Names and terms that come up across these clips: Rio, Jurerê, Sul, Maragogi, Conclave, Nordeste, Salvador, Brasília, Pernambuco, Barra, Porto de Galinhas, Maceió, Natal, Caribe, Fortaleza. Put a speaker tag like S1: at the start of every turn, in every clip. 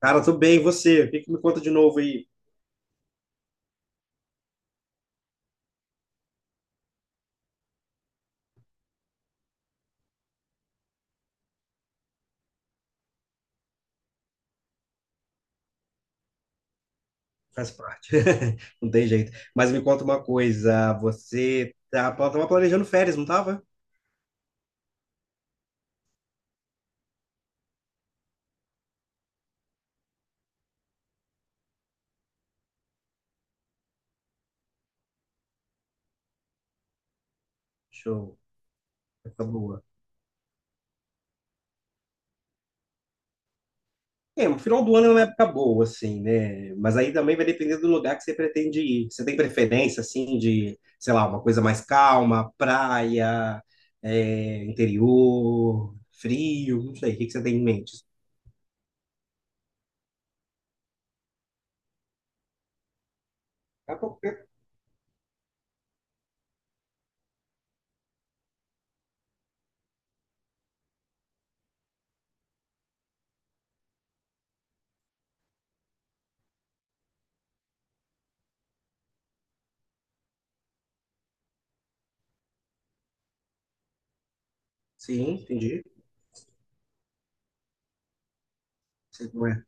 S1: Cara, tô bem, e você? O que me conta de novo aí? Faz parte. Não tem jeito. Mas me conta uma coisa, você tava planejando férias, não tava? Show. Época boa. É, o final do ano é uma época boa, assim, né? Mas aí também vai depender do lugar que você pretende ir. Você tem preferência, assim, de, sei lá, uma coisa mais calma, praia, interior, frio, não sei. O que você tem em mente? Ah, pô, é. Sim, entendi. Sei como é.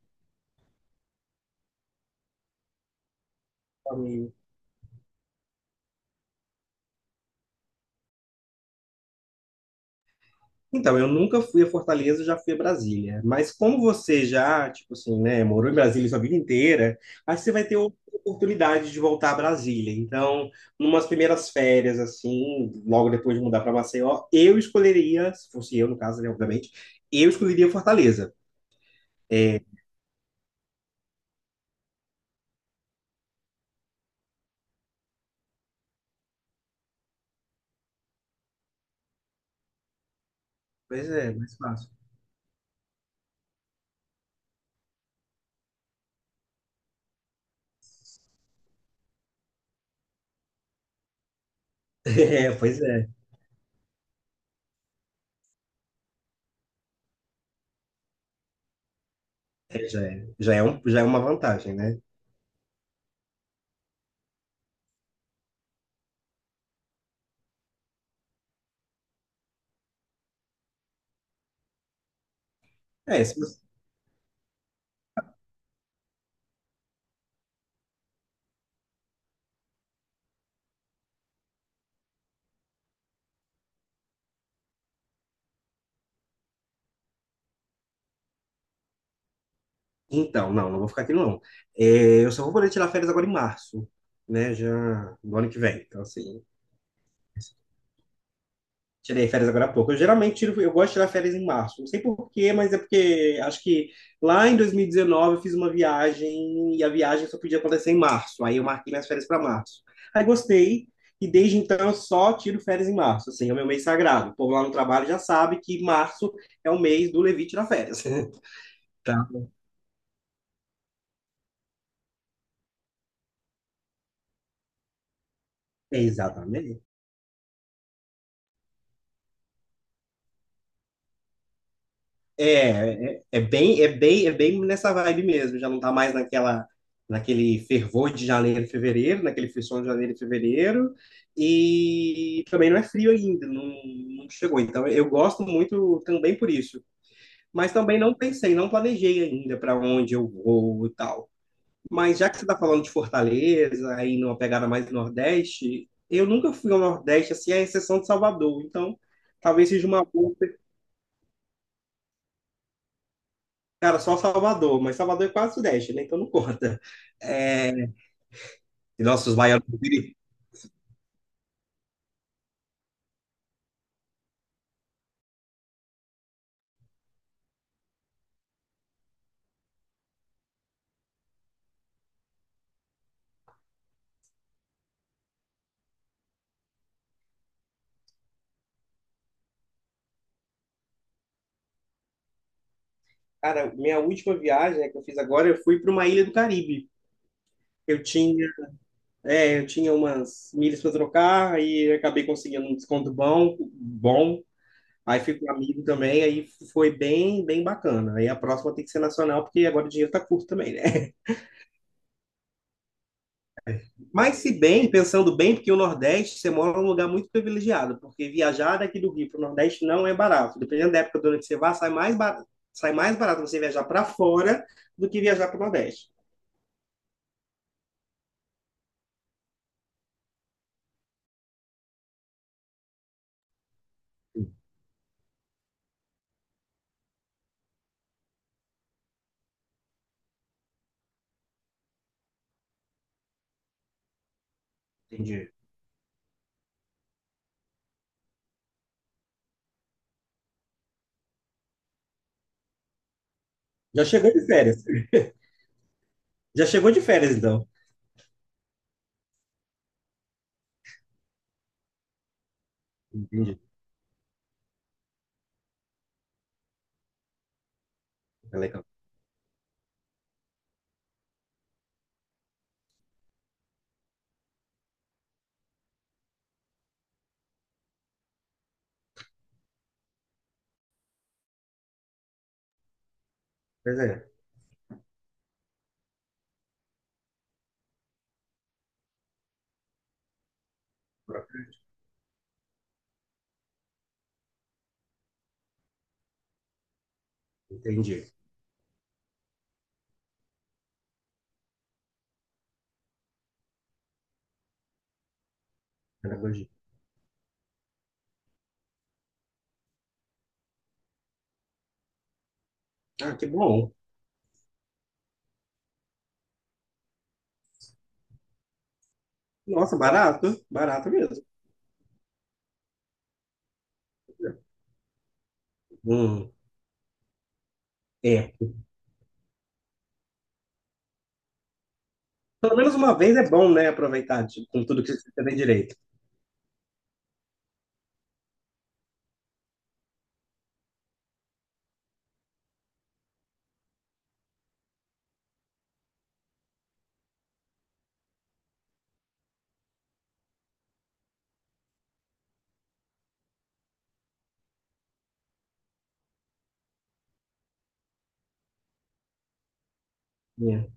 S1: Então, eu nunca fui a Fortaleza, eu já fui a Brasília. Mas como você já, tipo assim, né, morou em Brasília sua vida inteira, aí você vai ter outra oportunidade de voltar a Brasília. Então, numas primeiras férias, assim, logo depois de mudar para Maceió, eu escolheria, se fosse eu no caso, né, obviamente, eu escolheria Fortaleza. Pois é, mais fácil. É, pois é. Já é uma vantagem, né? É, se você- Então, não vou ficar aqui não. É, eu só vou poder tirar férias agora em março, né? Já do ano que vem. Então, assim, tirei férias agora há pouco. Eu geralmente tiro, eu gosto de tirar férias em março. Não sei por quê, mas é porque acho que lá em 2019 eu fiz uma viagem e a viagem só podia acontecer em março. Aí eu marquei minhas férias para março. Aí gostei e desde então eu só tiro férias em março. Assim, é o meu mês sagrado. O povo lá no trabalho já sabe que março é o mês do Levi tirar férias. Tá. Exatamente. É bem nessa vibe mesmo. Já não tá mais naquela, naquele fervor de janeiro e fevereiro, naquele frisson de janeiro e fevereiro. E também não é frio ainda, não, não chegou. Então eu gosto muito também por isso. Mas também não pensei, não planejei ainda para onde eu vou e tal. Mas já que você está falando de Fortaleza, aí numa pegada mais Nordeste, eu nunca fui ao Nordeste, assim, à exceção de Salvador. Então, talvez seja uma boa. Cara, só Salvador, mas Salvador é quase Sudeste, né? Então não conta. É... e nossos baianos. Cara, minha última viagem, né, que eu fiz agora, eu fui para uma ilha do Caribe. Eu tinha, eu tinha umas milhas para trocar, aí eu acabei conseguindo um desconto bom, bom. Aí fui com um amigo também, aí foi bem, bem bacana. Aí a próxima tem que ser nacional, porque agora o dinheiro tá curto também, né? Mas se bem, pensando bem, porque o Nordeste, você mora num lugar muito privilegiado, porque viajar daqui do Rio para o Nordeste não é barato. Dependendo da época do ano que você vá, sai mais barato você viajar para fora do que viajar para o Nordeste. Entendi. Já chegou de férias. Já chegou de férias, então. Entendi. É legal. Pois é. Entendi. Pedagogia. Ah, que bom. Nossa, barato. Barato mesmo. Hum, é. Pelo menos uma vez é bom, né? Aproveitar, tipo, com tudo que você tem direito. É.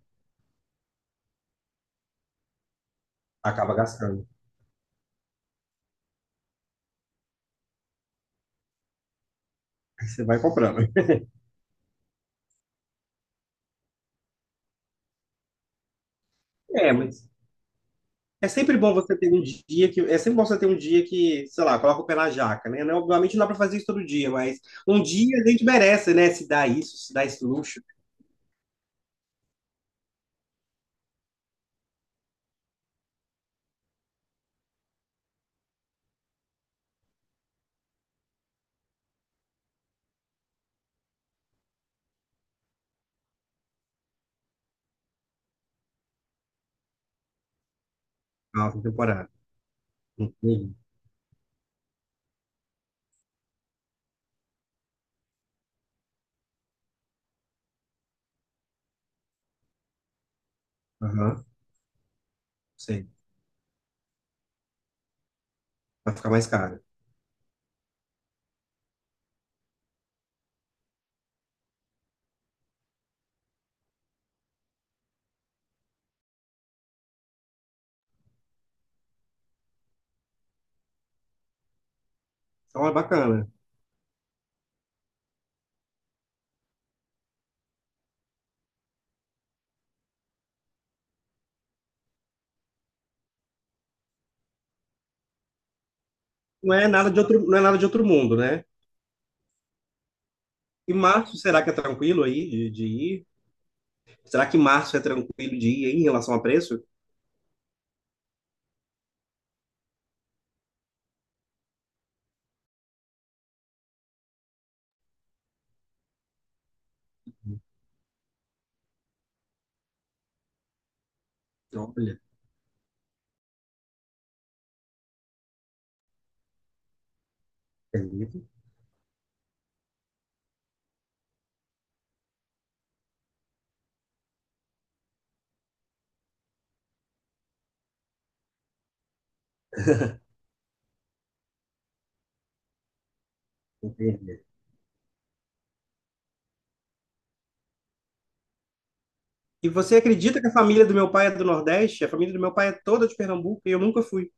S1: Acaba gastando. Aí você vai comprando. É, mas é sempre bom você ter um dia que. É sempre bom você ter um dia que, sei lá, coloca o pé na jaca, né? Não, obviamente não dá pra fazer isso todo dia, mas um dia a gente merece, né? Se dá isso, se dá esse luxo na alta temporada. Entendi. Aham, sei. Vai ficar mais caro. Então é bacana. Não é nada de outro mundo, né? E março, será que é tranquilo aí de ir? Será que março é tranquilo de ir em relação a preço? Olha, entendi. E você acredita que a família do meu pai é do Nordeste? A família do meu pai é toda de Pernambuco e eu nunca fui.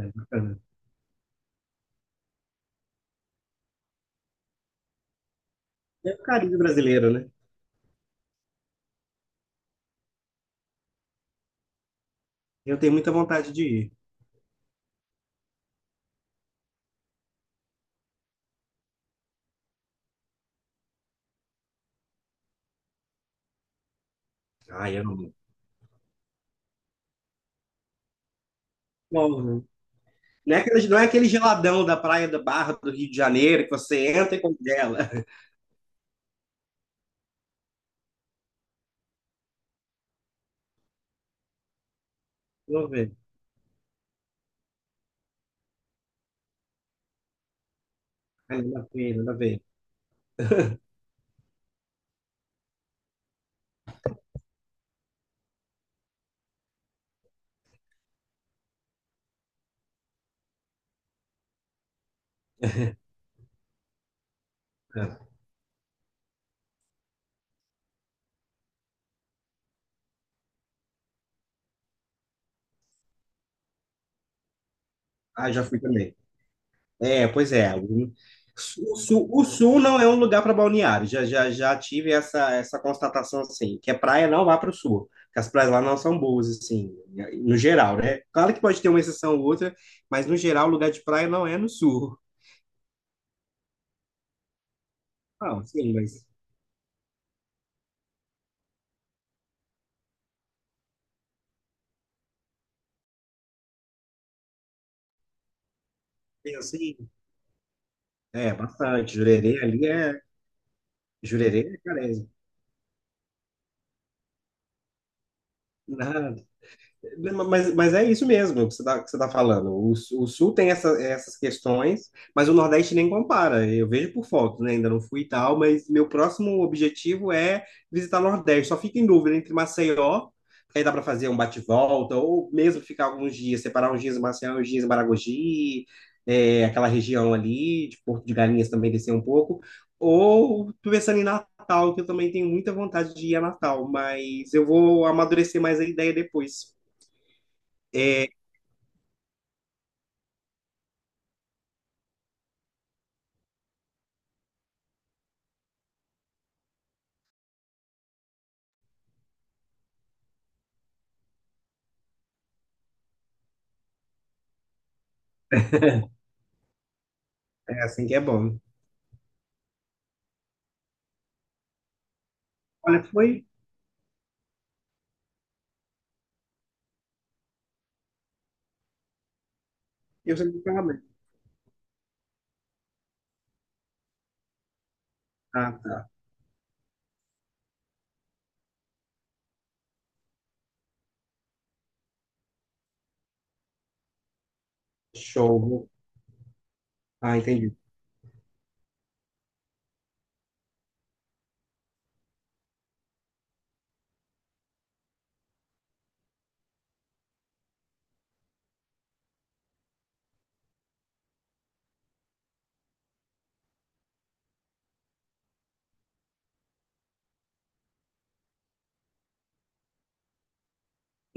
S1: É bacana. É o carinho brasileiro, né? Eu tenho muita vontade de ir. Ai, eu não. Bom, né? Não é aquele geladão da Praia da Barra do Rio de Janeiro que você entra e congela. Não vê. Ah, nada a ver, nada a ver. Ah, já fui também. É, pois é. O Sul não é um lugar para balneário. Já tive essa, essa constatação assim, que a praia não vai para o Sul, que as praias lá não são boas assim, no geral, né? Claro que pode ter uma exceção ou outra, mas no geral o lugar de praia não é no Sul. Não, sim, mas tem assim, é bastante. Jurerê é Carese. Mas, é isso mesmo que você está tá falando. O Sul tem essa, essas questões, mas o Nordeste nem compara. Eu vejo por fotos, né? Ainda não fui e tal, mas meu próximo objetivo é visitar o Nordeste. Só fico em dúvida entre Maceió, que aí dá para fazer um bate-volta, ou mesmo ficar alguns dias, separar uns dias em Maceió, uns dias em Maragogi, é, aquela região ali, de Porto de Galinhas também descer um pouco. Ou tô pensando em Natal, que eu também tenho muita vontade de ir a Natal, mas eu vou amadurecer mais a ideia depois. É assim que é bom. Olha, foi. Eu sei que foi lá mesmo. Ah, tá. Show. Ah, entendi.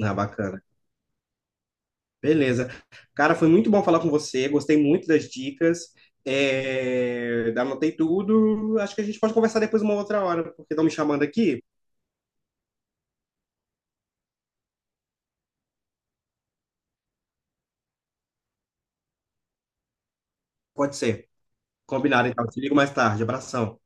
S1: Ah, bacana. Beleza. Cara, foi muito bom falar com você. Gostei muito das dicas. É... Anotei tudo. Acho que a gente pode conversar depois uma outra hora, porque estão me chamando aqui. Pode ser. Combinado, então. Te ligo mais tarde. Abração.